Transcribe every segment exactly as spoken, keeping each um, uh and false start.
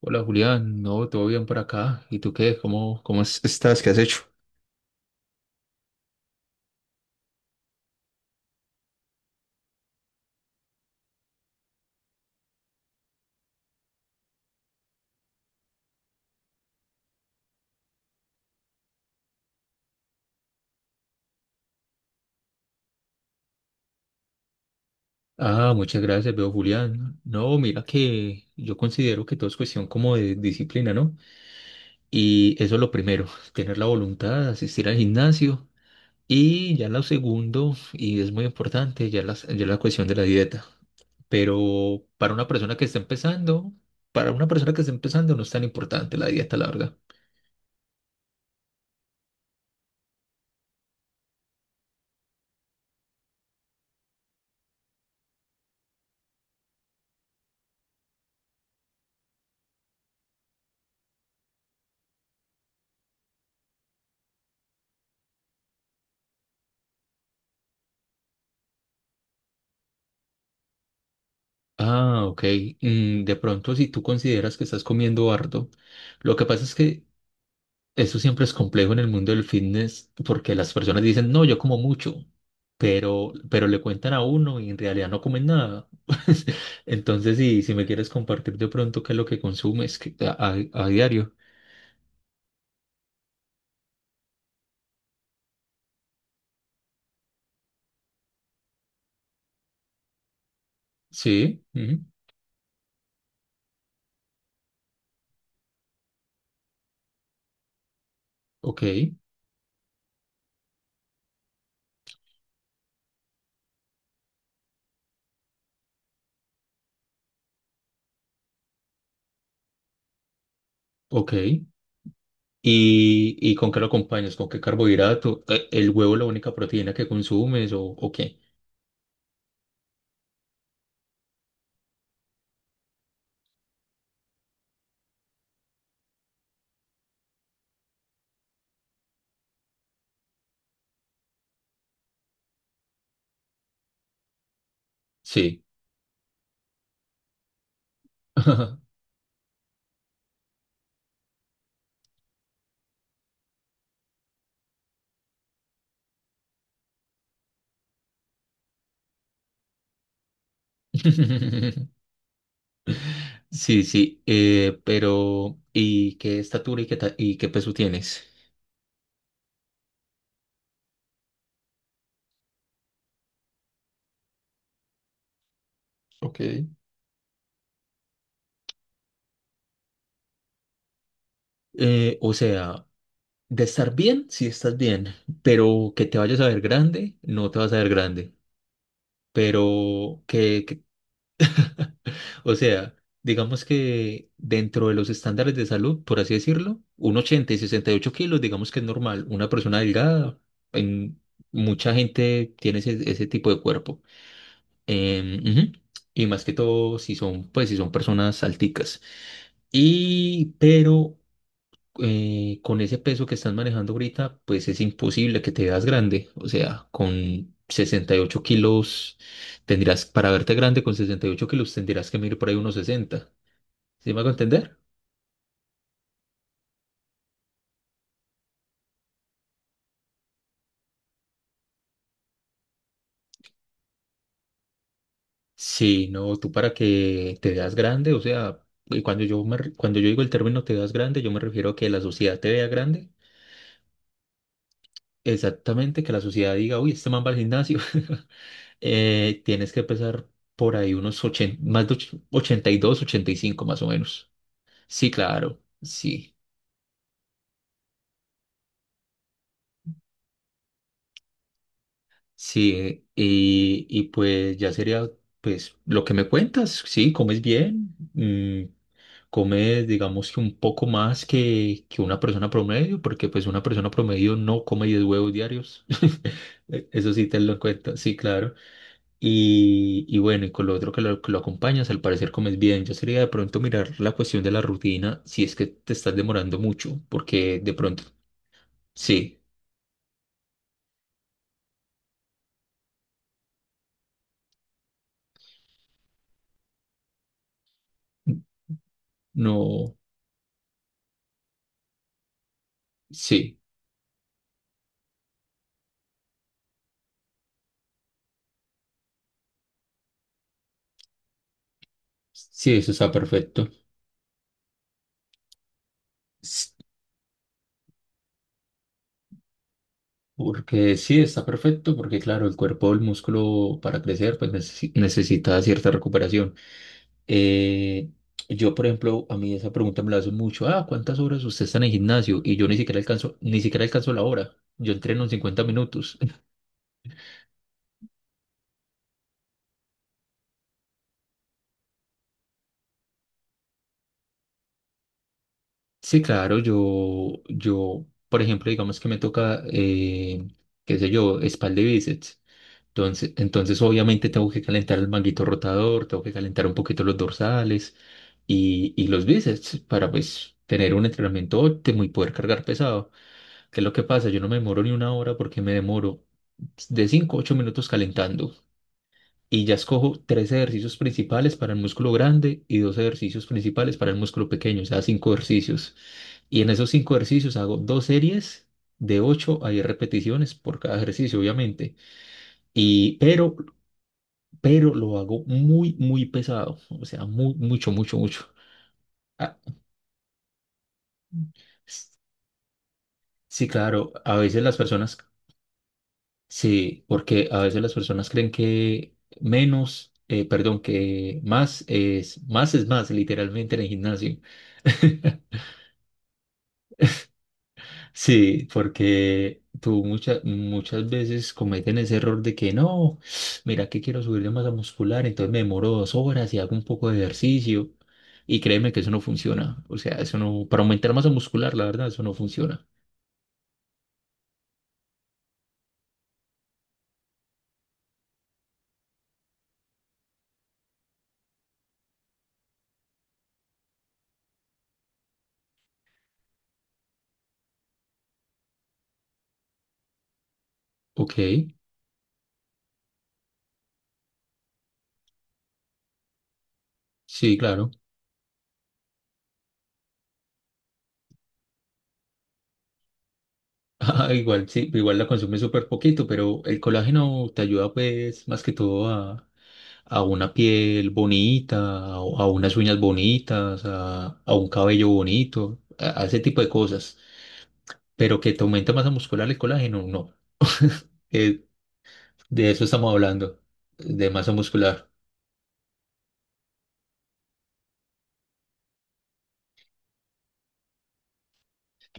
Hola Julián, no, todo bien por acá. ¿Y tú qué? ¿Cómo, cómo es- Estás, ¿qué has hecho? Ah, muchas gracias, veo Julián. No, mira que yo considero que todo es cuestión como de disciplina, ¿no? Y eso es lo primero, tener la voluntad, asistir al gimnasio. Y ya lo segundo, y es muy importante, ya las- ya la cuestión de la dieta. Pero para una persona que está empezando, para una persona que está empezando no es tan importante la dieta, larga. Ah, ok. Mm, de pronto, si tú consideras que estás comiendo harto, lo que pasa es que eso siempre es complejo en el mundo del fitness porque las personas dicen, no, yo como mucho, pero, pero le cuentan a uno y en realidad no comen nada. Entonces, si, si me quieres compartir de pronto qué es lo que consumes que- a, a- a diario. Sí, ujú. Ok, ok. ¿Y, y con qué lo acompañas? ¿Con qué carbohidrato? ¿E- ¿El huevo es la única proteína que consumes o, o qué? Sí. Sí, sí, eh, pero ¿y qué estatura y qué, ta- y qué peso tienes? Ok. Eh, o sea, de estar bien, sí estás bien, pero que te vayas a ver grande, no te vas a ver grande. Pero que, que- o sea, digamos que dentro de los estándares de salud, por así decirlo, un ochenta y sesenta y ocho kilos, digamos que es normal. Una persona delgada, en mucha gente tiene ese, ese tipo de cuerpo. Em, ujú. Y más que todo, si son, pues, si son personas alticas. Y, pero eh, con ese peso que estás manejando ahorita, pues es imposible que te veas grande. O sea, con sesenta y ocho kilos tendrías, para verte grande con sesenta y ocho kilos tendrías que medir por ahí unos sesenta. ¿Sí me hago entender? Sí, no, tú para que te veas grande, o sea, y cuando yo me re- cuando yo digo el término te veas grande, yo me refiero a que la sociedad te vea grande. Exactamente, que la sociedad diga, uy, este man va al gimnasio. Eh, tienes que pesar por ahí unos ochenta, más de och- ochenta y dos, ochenta y cinco, más o menos. Sí, claro, sí. Sí, y, y pues ya sería, pues, lo que me cuentas, sí, comes bien, mm, comes, digamos que un poco más que, que una persona promedio, porque pues una persona promedio no come diez huevos diarios, eso sí te lo cuento, sí, claro. Y, y bueno, y con lo otro que lo, que lo acompañas, al parecer comes bien. Yo sería de pronto mirar la cuestión de la rutina si es que te estás demorando mucho, porque de pronto, sí, no, sí, sí, eso está perfecto. S- Porque sí, está perfecto, porque claro, el cuerpo, el músculo para crecer, pues necesi- necesita cierta recuperación. Eh, yo, por ejemplo, a mí esa pregunta me la hacen mucho, ah, ¿cuántas horas usted está en el gimnasio? Y yo ni siquiera alcanzo, ni siquiera alcanzo la hora. Yo entreno en cincuenta minutos. Sí, claro, yo, yo, por ejemplo, digamos que me toca, eh, qué sé yo, espalda y bíceps. Entonces, entonces, obviamente tengo que calentar el manguito rotador, tengo que calentar un poquito los dorsales y, y los bíceps para pues tener un entrenamiento óptimo y poder cargar pesado. ¿Qué es lo que pasa? Yo no me demoro ni una hora porque me demoro de cinco a ocho minutos calentando y ya escojo tres ejercicios principales para el músculo grande y dos ejercicios principales para el músculo pequeño, o sea, cinco ejercicios. Y en esos cinco ejercicios hago dos series de ocho a diez repeticiones por cada ejercicio, obviamente. Y, pero, pero lo hago muy, muy pesado. O sea, muy, mucho, mucho, mucho. Ah, s- sí, claro, a veces las personas, sí, porque a veces las personas creen que menos, eh, perdón, que más es, más es más, literalmente en el gimnasio. Sí, porque tú muchas muchas veces cometen ese error de que no, mira que quiero subir de masa muscular, entonces me demoro dos horas y hago un poco de ejercicio. Y créeme que eso no funciona. O sea, eso no, para aumentar masa muscular, la verdad, eso no funciona. Ok, sí, claro. Ah, igual, sí, igual la consumes súper poquito, pero el colágeno te ayuda pues más que todo a, a una piel bonita, a, a unas uñas bonitas, a, a un cabello bonito, a a ese tipo de cosas. Pero que te aumenta masa muscular el colágeno, no. Eh, de eso estamos hablando, de masa muscular.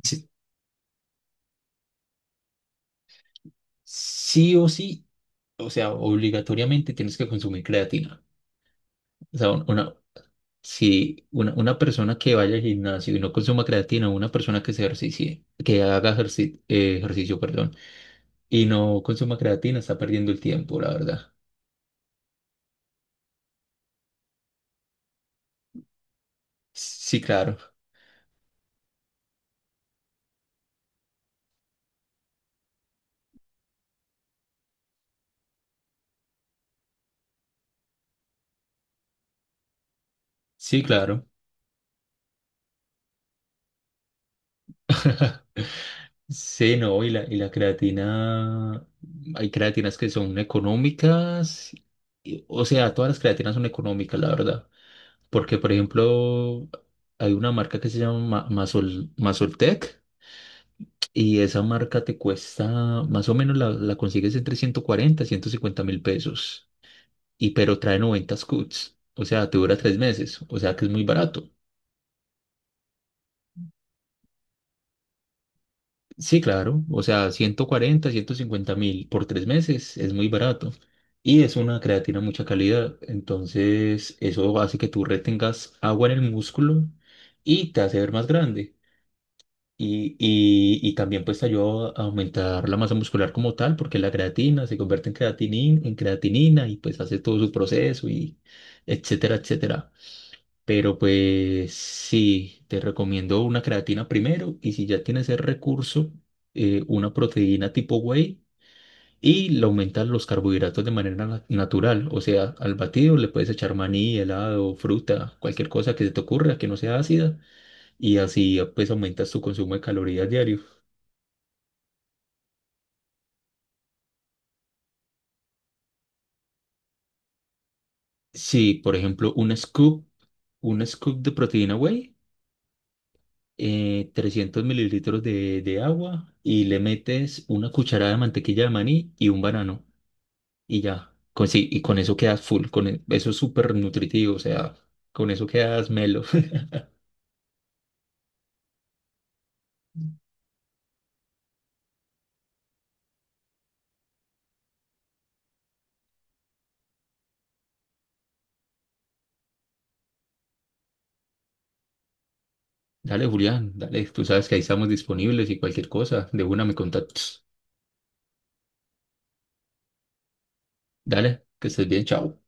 Sí, sí o sí, o sea, obligatoriamente tienes que consumir creatina. O sea, un- una, si una, una persona que vaya al gimnasio y no consuma creatina, una persona que se ejercicie, que haga ejerci- eh, ejercicio, perdón, y no consuma creatina, está perdiendo el tiempo, la verdad. Sí, claro. Sí, claro. Sí, no, y la, y la creatina, hay creatinas que son económicas, y- o sea, todas las creatinas son económicas, la verdad, porque por ejemplo, hay una marca que se llama Ma- Masol, Masoltec y esa marca te cuesta, más o menos la, la consigues entre ciento cuarenta y ciento cincuenta mil pesos, y pero trae noventa scoots, o sea, te dura tres meses, o sea que es muy barato. Sí, claro. O sea, ciento cuarenta, ciento cincuenta mil por tres meses es muy barato. Y es una creatina de mucha calidad. Entonces, eso hace que tú retengas agua en el músculo y te hace ver más grande. Y, y, y también pues te ayuda a aumentar la masa muscular como tal, porque la creatina se convierte en creatinin- en creatinina y pues hace todo su proceso y etcétera, etcétera. Pero pues sí, te recomiendo una creatina primero y si ya tienes el recurso, eh, una proteína tipo whey y le aumentas los carbohidratos de manera na- natural. O sea, al batido le puedes echar maní, helado, fruta, cualquier cosa que se te ocurra que no sea ácida y así ah, pues aumentas tu consumo de calorías diario. Sí, por ejemplo, un scoop, un scoop de proteína whey, eh, trescientos mililitros de, de agua y le metes una cucharada de mantequilla de maní y un banano. Y ya. Con, sí, y con eso quedas full, con e- eso es súper nutritivo, o sea, con eso quedas melo. Dale, Julián, dale, tú sabes que ahí estamos disponibles y cualquier cosa, de una me contactas. Dale, que estés bien, chao.